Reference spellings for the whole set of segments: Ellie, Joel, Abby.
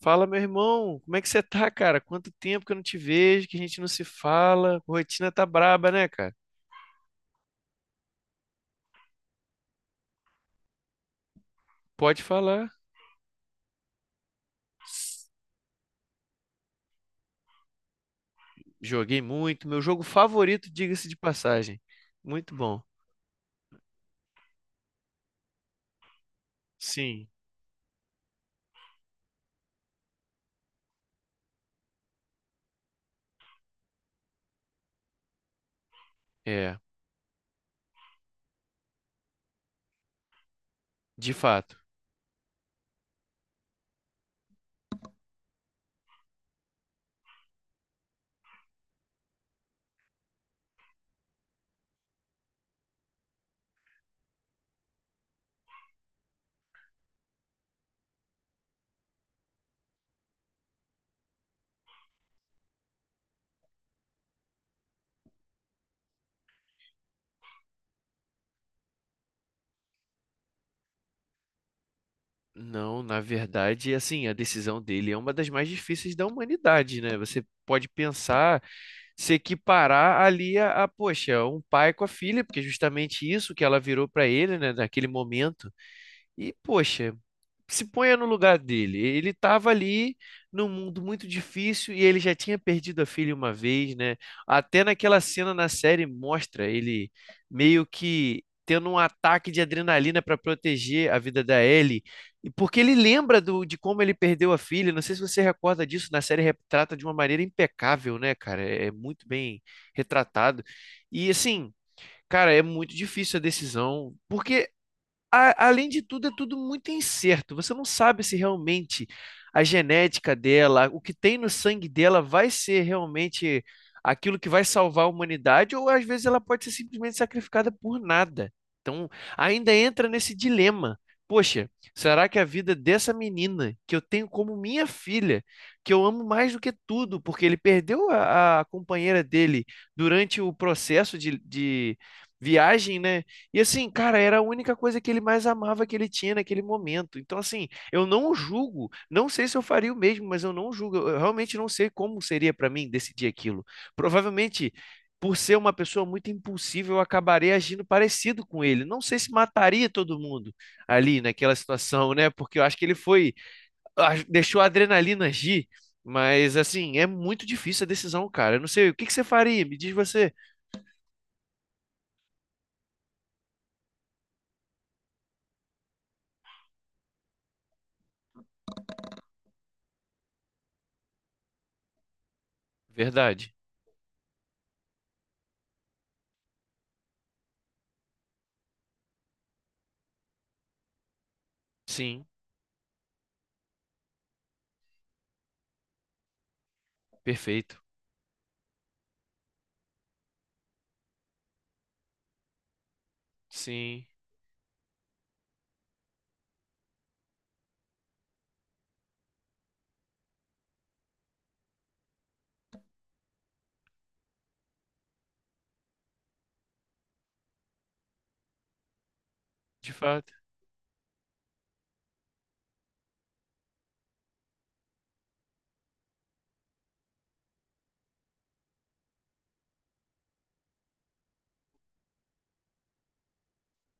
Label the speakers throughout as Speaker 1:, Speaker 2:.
Speaker 1: Fala, meu irmão, como é que você tá, cara? Quanto tempo que eu não te vejo, que a gente não se fala. Rotina tá braba, né, cara? Pode falar. Joguei muito, meu jogo favorito, diga-se de passagem. Muito bom. Sim, é, de fato. Não, na verdade, assim, a decisão dele é uma das mais difíceis da humanidade, né? Você pode pensar, se equiparar ali poxa, um pai com a filha, porque é justamente isso que ela virou para ele, né, naquele momento. E, poxa, se ponha no lugar dele. Ele estava ali num mundo muito difícil e ele já tinha perdido a filha uma vez, né? Até naquela cena na série mostra ele meio que tendo um ataque de adrenalina para proteger a vida da Ellie, e porque ele lembra de como ele perdeu a filha. Não sei se você recorda disso, na série retrata de uma maneira impecável, né, cara? É, é muito bem retratado. E assim, cara, é muito difícil a decisão, porque além de tudo, é tudo muito incerto. Você não sabe se realmente a genética dela, o que tem no sangue dela, vai ser realmente aquilo que vai salvar a humanidade, ou às vezes ela pode ser simplesmente sacrificada por nada. Então, ainda entra nesse dilema. Poxa, será que a vida dessa menina, que eu tenho como minha filha, que eu amo mais do que tudo, porque ele perdeu a companheira dele durante o processo de viagem, né? E assim, cara, era a única coisa que ele mais amava que ele tinha naquele momento. Então, assim, eu não julgo, não sei se eu faria o mesmo, mas eu não julgo, eu realmente não sei como seria para mim decidir aquilo. Provavelmente, por ser uma pessoa muito impulsiva, eu acabaria agindo parecido com ele. Não sei se mataria todo mundo ali naquela situação, né? Porque eu acho que ele foi, deixou a adrenalina agir, mas assim, é muito difícil a decisão, cara. Eu não sei, o que que você faria? Me diz você. Verdade. Sim, perfeito. Sim. De fato,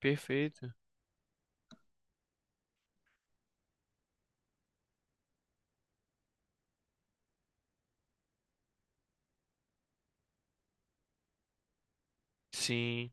Speaker 1: perfeito. Sim,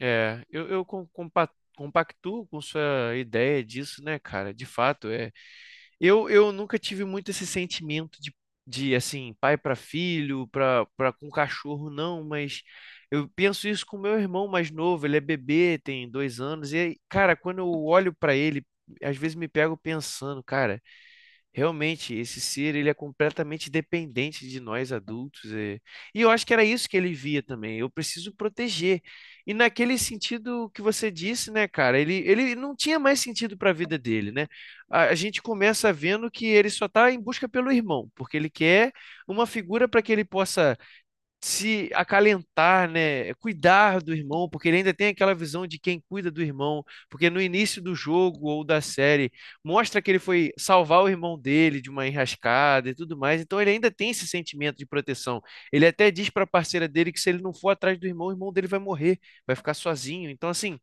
Speaker 1: é, eu compactuo com sua ideia disso, né, cara? De fato, é. Eu nunca tive muito esse sentimento de assim, pai para filho, para com cachorro, não, mas eu penso isso com meu irmão mais novo, ele é bebê, tem 2 anos, e, aí, cara, quando eu olho para ele, às vezes me pego pensando, cara. Realmente, esse ser, ele é completamente dependente de nós adultos. É. E eu acho que era isso que ele via também. Eu preciso proteger. E naquele sentido que você disse, né, cara, ele não tinha mais sentido para a vida dele, né? A gente começa vendo que ele só está em busca pelo irmão, porque ele quer uma figura para que ele possa se acalentar, né? Cuidar do irmão, porque ele ainda tem aquela visão de quem cuida do irmão, porque no início do jogo ou da série mostra que ele foi salvar o irmão dele de uma enrascada e tudo mais, então ele ainda tem esse sentimento de proteção. Ele até diz para a parceira dele que se ele não for atrás do irmão, o irmão dele vai morrer, vai ficar sozinho. Então assim,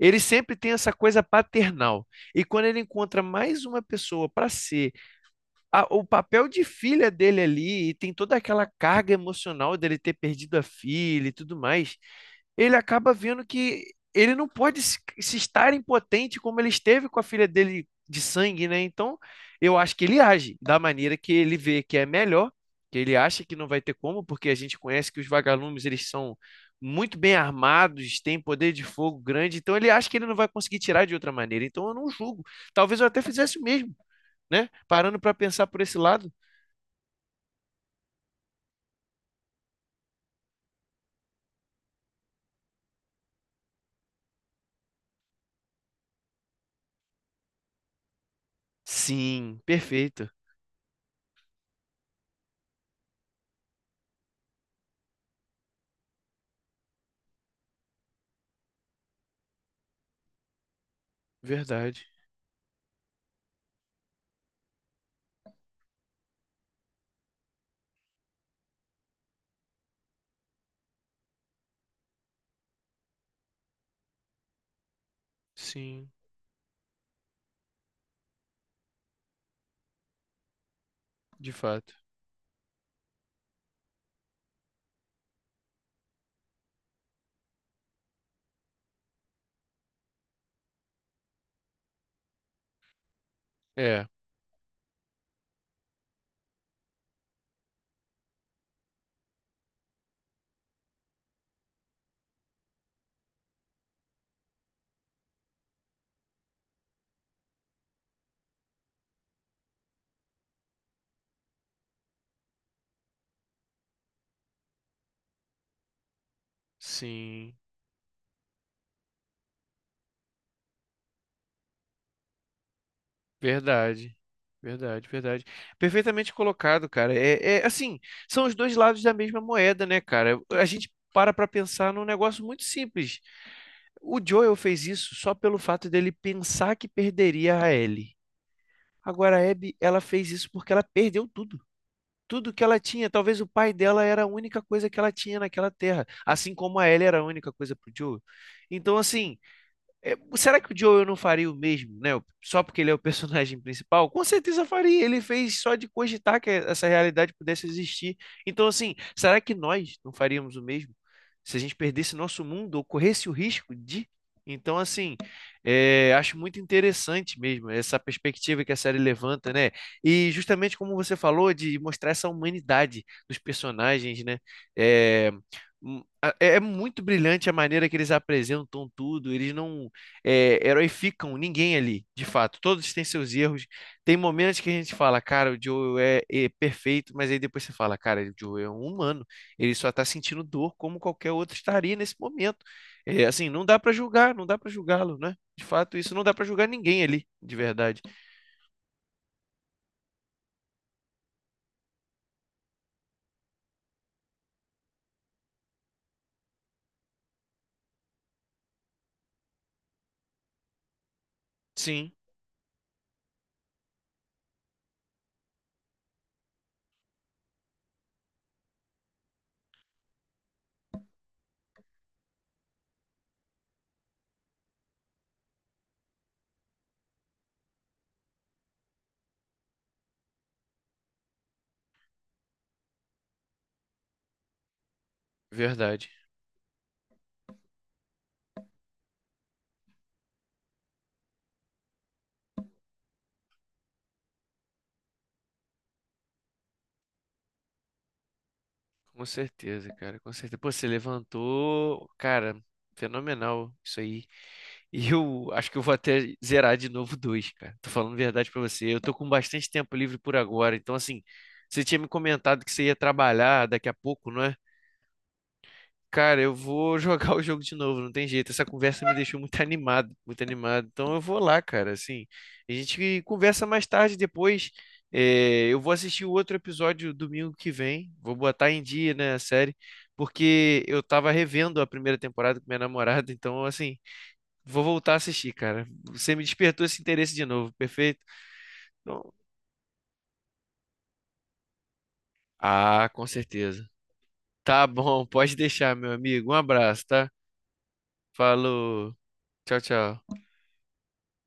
Speaker 1: ele sempre tem essa coisa paternal. E quando ele encontra mais uma pessoa para ser o papel de filha dele ali, e tem toda aquela carga emocional dele ter perdido a filha e tudo mais, ele acaba vendo que ele não pode se estar impotente como ele esteve com a filha dele de sangue, né? Então, eu acho que ele age da maneira que ele vê que é melhor, que ele acha que não vai ter como, porque a gente conhece que os vagalumes, eles são muito bem armados, têm poder de fogo grande, então ele acha que ele não vai conseguir tirar de outra maneira. Então, eu não julgo. Talvez eu até fizesse o mesmo, né? Parando para pensar por esse lado. Sim, perfeito. Verdade. Sim, de fato. É, sim, verdade. Verdade, verdade. Perfeitamente colocado, cara. É, é assim, são os dois lados da mesma moeda, né, cara? A gente para pra pensar num negócio muito simples. O Joel fez isso só pelo fato dele pensar que perderia a Ellie. Agora a Abby, ela fez isso porque ela perdeu tudo. Tudo que ela tinha. Talvez o pai dela era a única coisa que ela tinha naquela terra, assim como a Ellie era a única coisa pro Joe. Então, assim, é, será que o Joel não faria o mesmo, né? Só porque ele é o personagem principal? Com certeza faria. Ele fez só de cogitar que essa realidade pudesse existir. Então, assim, será que nós não faríamos o mesmo? Se a gente perdesse nosso mundo ou corresse o risco de. Então, assim, é, acho muito interessante mesmo essa perspectiva que a série levanta, né? E justamente como você falou, de mostrar essa humanidade dos personagens, né? É, é muito brilhante a maneira que eles apresentam tudo. Eles não é, heroificam ninguém ali, de fato. Todos têm seus erros. Tem momentos que a gente fala, cara, o Joel é, é perfeito, mas aí depois você fala, cara, o Joel é um humano. Ele só tá sentindo dor como qualquer outro estaria nesse momento. É, assim, não dá pra julgar, não dá pra julgá-lo, né? De fato, isso não dá pra julgar ninguém ali, de verdade. Sim, verdade. Com certeza, cara, com certeza. Pô, você levantou, cara, fenomenal isso aí. E eu acho que eu vou até zerar de novo dois, cara. Tô falando a verdade pra você. Eu tô com bastante tempo livre por agora. Então, assim, você tinha me comentado que você ia trabalhar daqui a pouco, não é? Cara, eu vou jogar o jogo de novo, não tem jeito. Essa conversa me deixou muito animado, muito animado. Então eu vou lá, cara, assim. A gente conversa mais tarde depois. É, eu vou assistir o outro episódio domingo que vem. Vou botar em dia, né, a série, porque eu tava revendo a primeira temporada com minha namorada, então assim, vou voltar a assistir, cara. Você me despertou esse interesse de novo, perfeito? Então, ah, com certeza. Tá bom, pode deixar, meu amigo. Um abraço, tá? Falou. Tchau, tchau.